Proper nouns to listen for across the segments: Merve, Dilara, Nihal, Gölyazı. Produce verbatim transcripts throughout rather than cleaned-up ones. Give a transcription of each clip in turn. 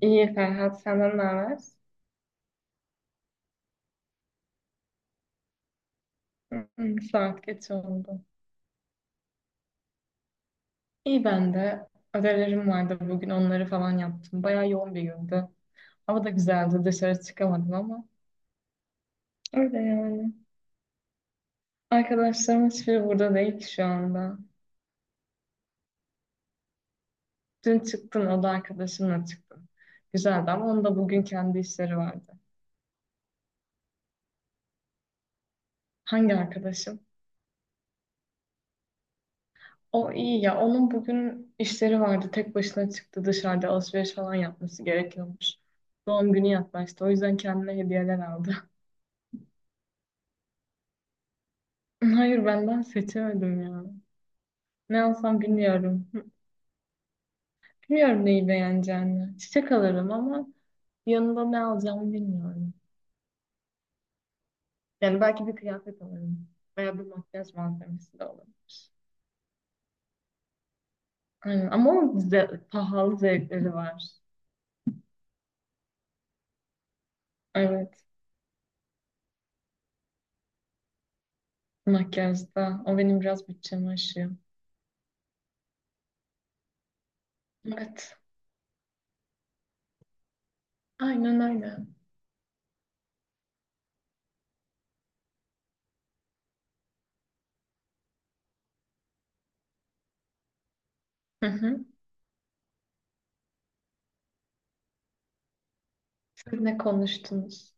İyi Ferhat, senden ne haber? Hmm, Saat geç oldu. İyi ben de. Ödevlerim vardı bugün onları falan yaptım. Bayağı yoğun bir gündü. Hava da güzeldi dışarı çıkamadım ama. Öyle yani. Arkadaşlarım hiçbiri burada değil ki şu anda. Dün çıktım o da arkadaşımla çıktım. Güzeldi ama onun da bugün kendi işleri vardı. Hangi arkadaşım? O iyi ya onun bugün işleri vardı. Tek başına çıktı dışarıda alışveriş falan yapması gerekiyormuş. Doğum günü yaklaştı. O yüzden kendine hediyeler aldı. Hayır benden seçemedim ya. Ne alsam bilmiyorum. Bilmiyorum neyi beğeneceğini. Çiçek alırım ama yanında ne alacağımı bilmiyorum. Yani belki bir kıyafet alırım. Veya bir makyaj malzemesi de olabilir. Aynen. Ama onun ze- pahalı zevkleri var. Evet. Makyajda. O benim biraz bütçemi aşıyor. Evet. Aynen öyle. Hı hı. Siz ne konuştunuz?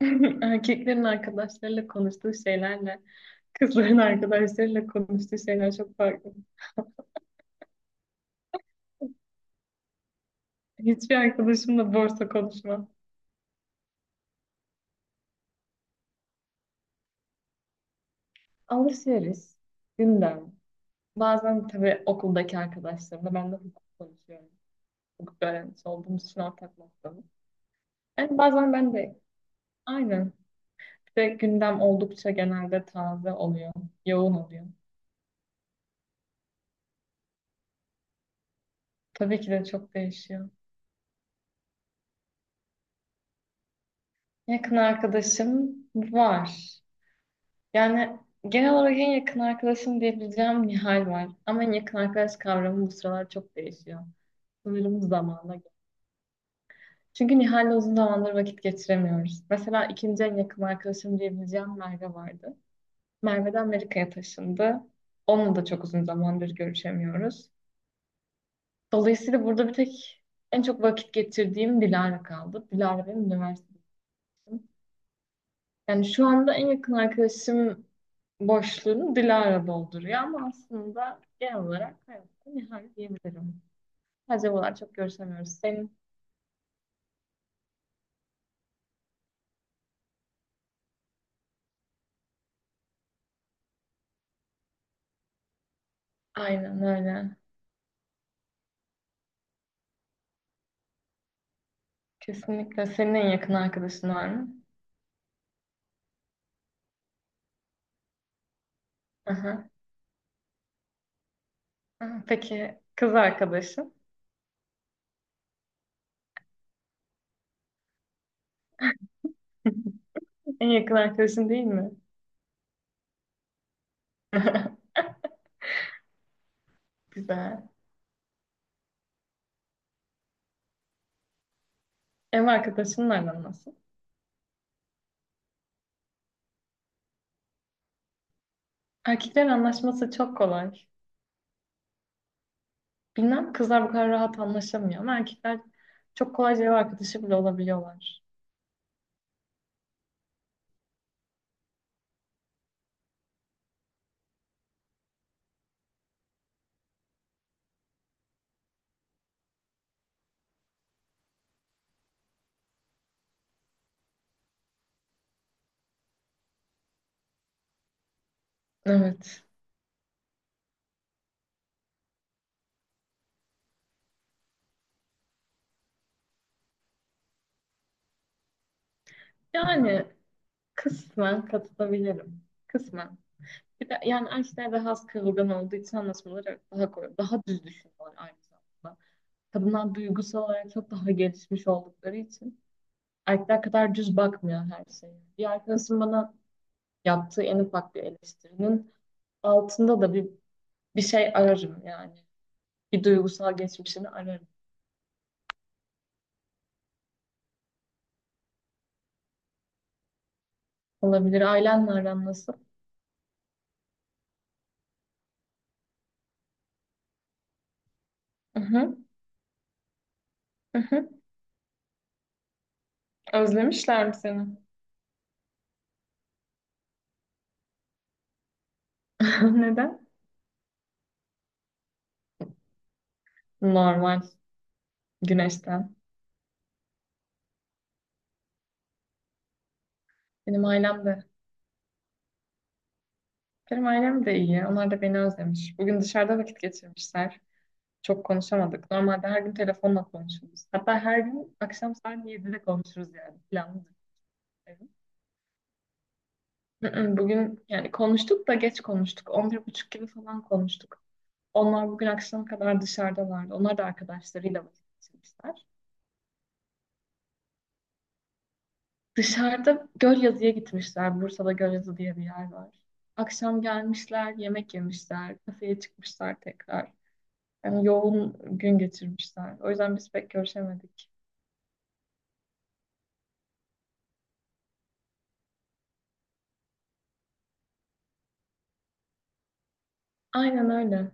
Erkeklerin arkadaşlarıyla konuştuğu şeylerle kızların arkadaşlarıyla konuştuğu şeyler çok farklı. Hiçbir arkadaşımla borsa konuşmam. Alışveriş, gündem. Bazen tabii okuldaki arkadaşlarımla ben de hukuk konuşuyorum. Hukuk öğrencisi olduğumuz için ortak noktamız. Yani bazen ben de aynen. Bir de gündem oldukça genelde taze oluyor. Yoğun oluyor. Tabii ki de çok değişiyor. Yakın arkadaşım var. Yani genel olarak en yakın arkadaşım diyebileceğim Nihal var. Ama en yakın arkadaş kavramı bu sıralar çok değişiyor. Sanırım zamanla. Çünkü Nihal'le uzun zamandır vakit geçiremiyoruz. Mesela ikinci en yakın arkadaşım diyebileceğim Merve vardı. Merve de Amerika'ya taşındı. Onunla da çok uzun zamandır görüşemiyoruz. Dolayısıyla burada bir tek en çok vakit geçirdiğim Dilara kaldı. Dilara benim üniversitedeyim. Yani şu anda en yakın arkadaşım boşluğunu Dilara dolduruyor ama aslında genel olarak hayatta Nihal diyebilirim. Sadece bu çok görüşemiyoruz. Senin aynen öyle. Kesinlikle. Senin en yakın arkadaşın var mı? Aha. Aha. Peki kız arkadaşın? En yakın arkadaşın değil mi? Güzel. Ev arkadaşının aran nasıl? Erkeklerin anlaşması çok kolay. Bilmem kızlar bu kadar rahat anlaşamıyor ama erkekler çok kolayca ev arkadaşı bile olabiliyorlar. Evet. Yani kısmen katılabilirim. Kısmen. Bir de yani erkekler daha az kırılgan olduğu için anlaşmaları daha kolay, daha düz düşünüyorlar aynı zamanda. Kadınlar duygusal olarak çok daha gelişmiş oldukları için erkekler kadar düz bakmıyor her şeye. Bir arkadaşım bana yaptığı en ufak bir eleştirinin altında da bir bir şey ararım yani. Bir duygusal geçmişini ararım. Olabilir. Ailenle aran nasıl? Hı hı. Hı hı. Özlemişler mi seni? Neden? Normal. Güneşten. Benim ailem de. Benim ailem de iyi. Onlar da beni özlemiş. Bugün dışarıda vakit geçirmişler. Çok konuşamadık. Normalde her gün telefonla konuşuruz. Hatta her gün akşam saat yedide konuşuruz yani. Planlıdır. Hı-hı. Bugün yani konuştuk da geç konuştuk. On bir buçuk gibi falan konuştuk. Onlar bugün akşama kadar dışarıdalardı. Onlar da arkadaşlarıyla vakit geçirmişler. Dışarıda Gölyazı'ya gitmişler. Bursa'da Gölyazı diye bir yer var. Akşam gelmişler, yemek yemişler, kafeye çıkmışlar tekrar. Yani yoğun gün geçirmişler. O yüzden biz pek görüşemedik. Aynen öyle.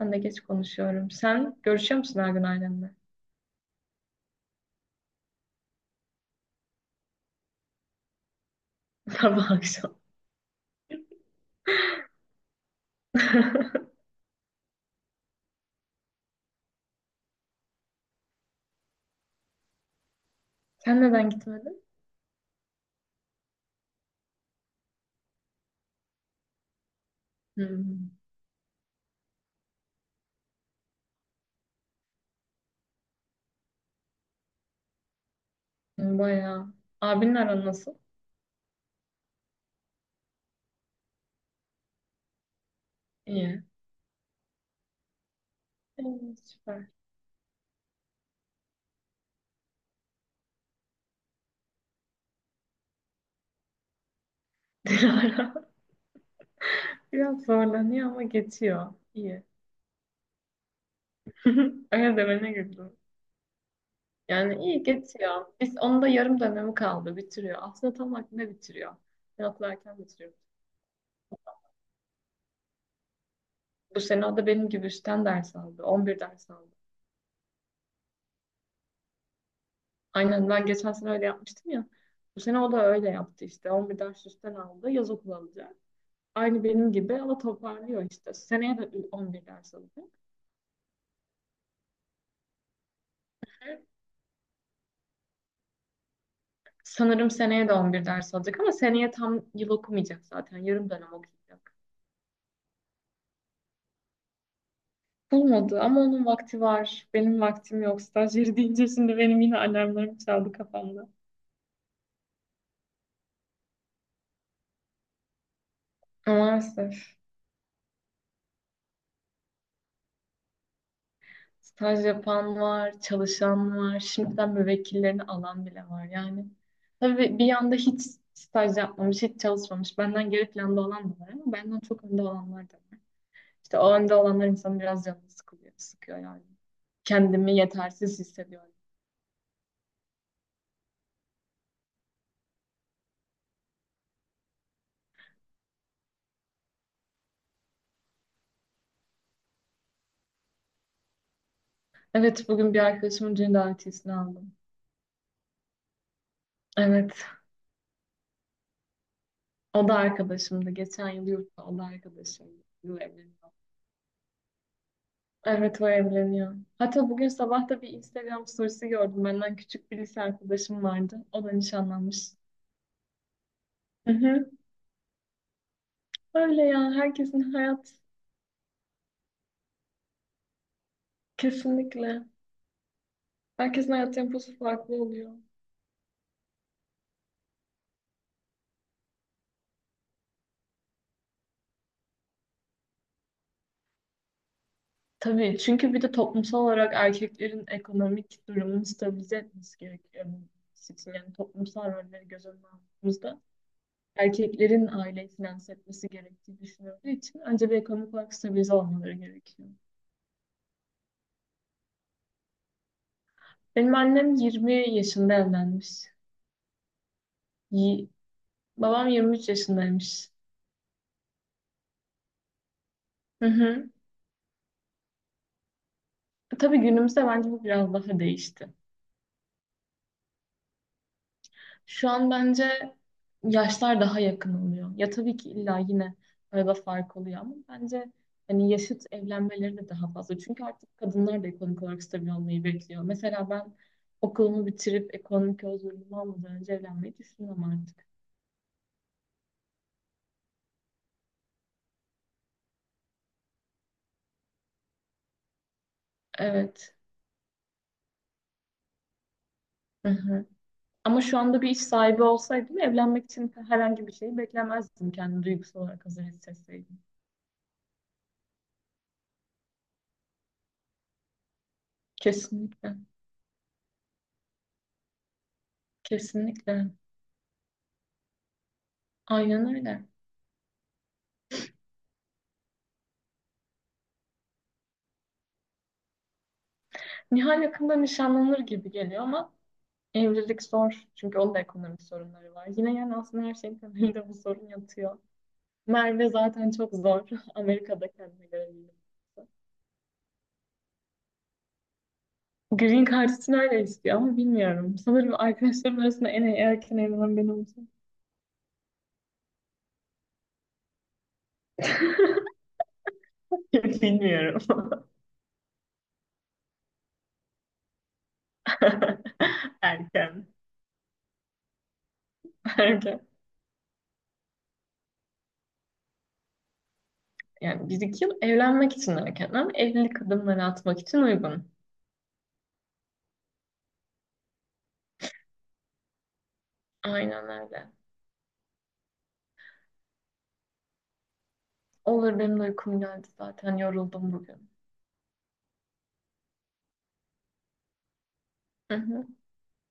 Ben de geç konuşuyorum. Sen görüşüyor musun her gün ailenle? Sabah akşam. Sen neden gitmedin? Hmm. Bayağı. Abinin aran nasıl? İyi. Evet, süper. Dilara biraz zorlanıyor ama geçiyor. İyi. Öyle demene güldüm. Yani iyi geçiyor. Biz onun da yarım dönemi kaldı. Bitiriyor. Aslında tam vaktinde bitiriyor. Yatlarken bitiriyor. Bu sene o da benim gibi üstten ders aldı. On bir ders aldı. Aynen ben geçen sene öyle yapmıştım ya. Bu sene o da öyle yaptı işte. On bir ders üstten aldı. Yaz okulu alacak. Aynı benim gibi ama toparlıyor işte. Seneye de on bir ders alacak. Sanırım seneye de on bir ders alacak ama seneye tam yıl okumayacak zaten. Yarım dönem okuyacak. Bulmadı ama onun vakti var. Benim vaktim yok. Stajyeri deyince şimdi benim yine alarmlarım çaldı kafamda. Maalesef. Staj yapan var, çalışan var. Şimdiden müvekkillerini alan bile var yani. Tabii bir yanda hiç staj yapmamış, hiç çalışmamış. Benden geri planda olan da var ama benden çok önde olanlar da var. İşte o önde olanlar insanı biraz canını sıkılıyor, sıkıyor yani. Kendimi yetersiz hissediyorum. Evet bugün bir arkadaşımın düğün davetiyesini aldım. Evet. O da arkadaşımdı. Geçen yıl yurtta o da arkadaşımdı. Bu yıl evleniyor. Evet o evleniyor. Hatta bugün sabah da bir Instagram storiesi gördüm. Benden küçük bir lise arkadaşım vardı. O da nişanlanmış. Hı hı. Öyle ya. Herkesin hayat Kesinlikle. Herkesin hayat temposu farklı oluyor. Tabii çünkü bir de toplumsal olarak erkeklerin ekonomik durumunu stabilize etmesi gerekiyor. Yani toplumsal rolleri göz önüne aldığımızda erkeklerin aileyi finanse etmesi gerektiği düşünüldüğü için önce bir ekonomik olarak stabilize olmaları gerekiyor. Benim annem yirmi yaşında evlenmiş. Yi- Babam yirmi üç yaşındaymış. Hı hı. Tabii günümüzde bence bu biraz daha değişti. Şu an bence yaşlar daha yakın oluyor. Ya tabii ki illa yine arada fark oluyor ama bence hani yaşıt evlenmeleri de daha fazla. Çünkü artık kadınlar da ekonomik olarak stabil olmayı bekliyor. Mesela ben okulumu bitirip ekonomik özgürlüğümü almadan önce evlenmeyi düşünmem artık. Evet. Hı hı. Ama şu anda bir iş sahibi olsaydım evlenmek için herhangi bir şeyi beklemezdim kendimi duygusal olarak hazır hissetseydim. Kesinlikle. Kesinlikle. Aynen öyle. Nihal yakında nişanlanır gibi geliyor ama evlilik zor. Çünkü onun da ekonomik sorunları var. Yine yani aslında her şeyin temelinde bu sorun yatıyor. Merve zaten çok zor. Amerika'da kendine göre bir yol. Green Card için öyle istiyor ama bilmiyorum. Sanırım arkadaşlarım arasında en erken evlenen ben olacağım. Bilmiyorum. Erken. Erken. Yani bir iki yıl evlenmek için erken ama evlilik adımları atmak için uygun. Aynen öyle. Olur benim de uykum geldi zaten yoruldum bugün. Hı hı.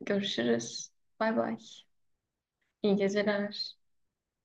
Görüşürüz. Bay bay. İyi geceler.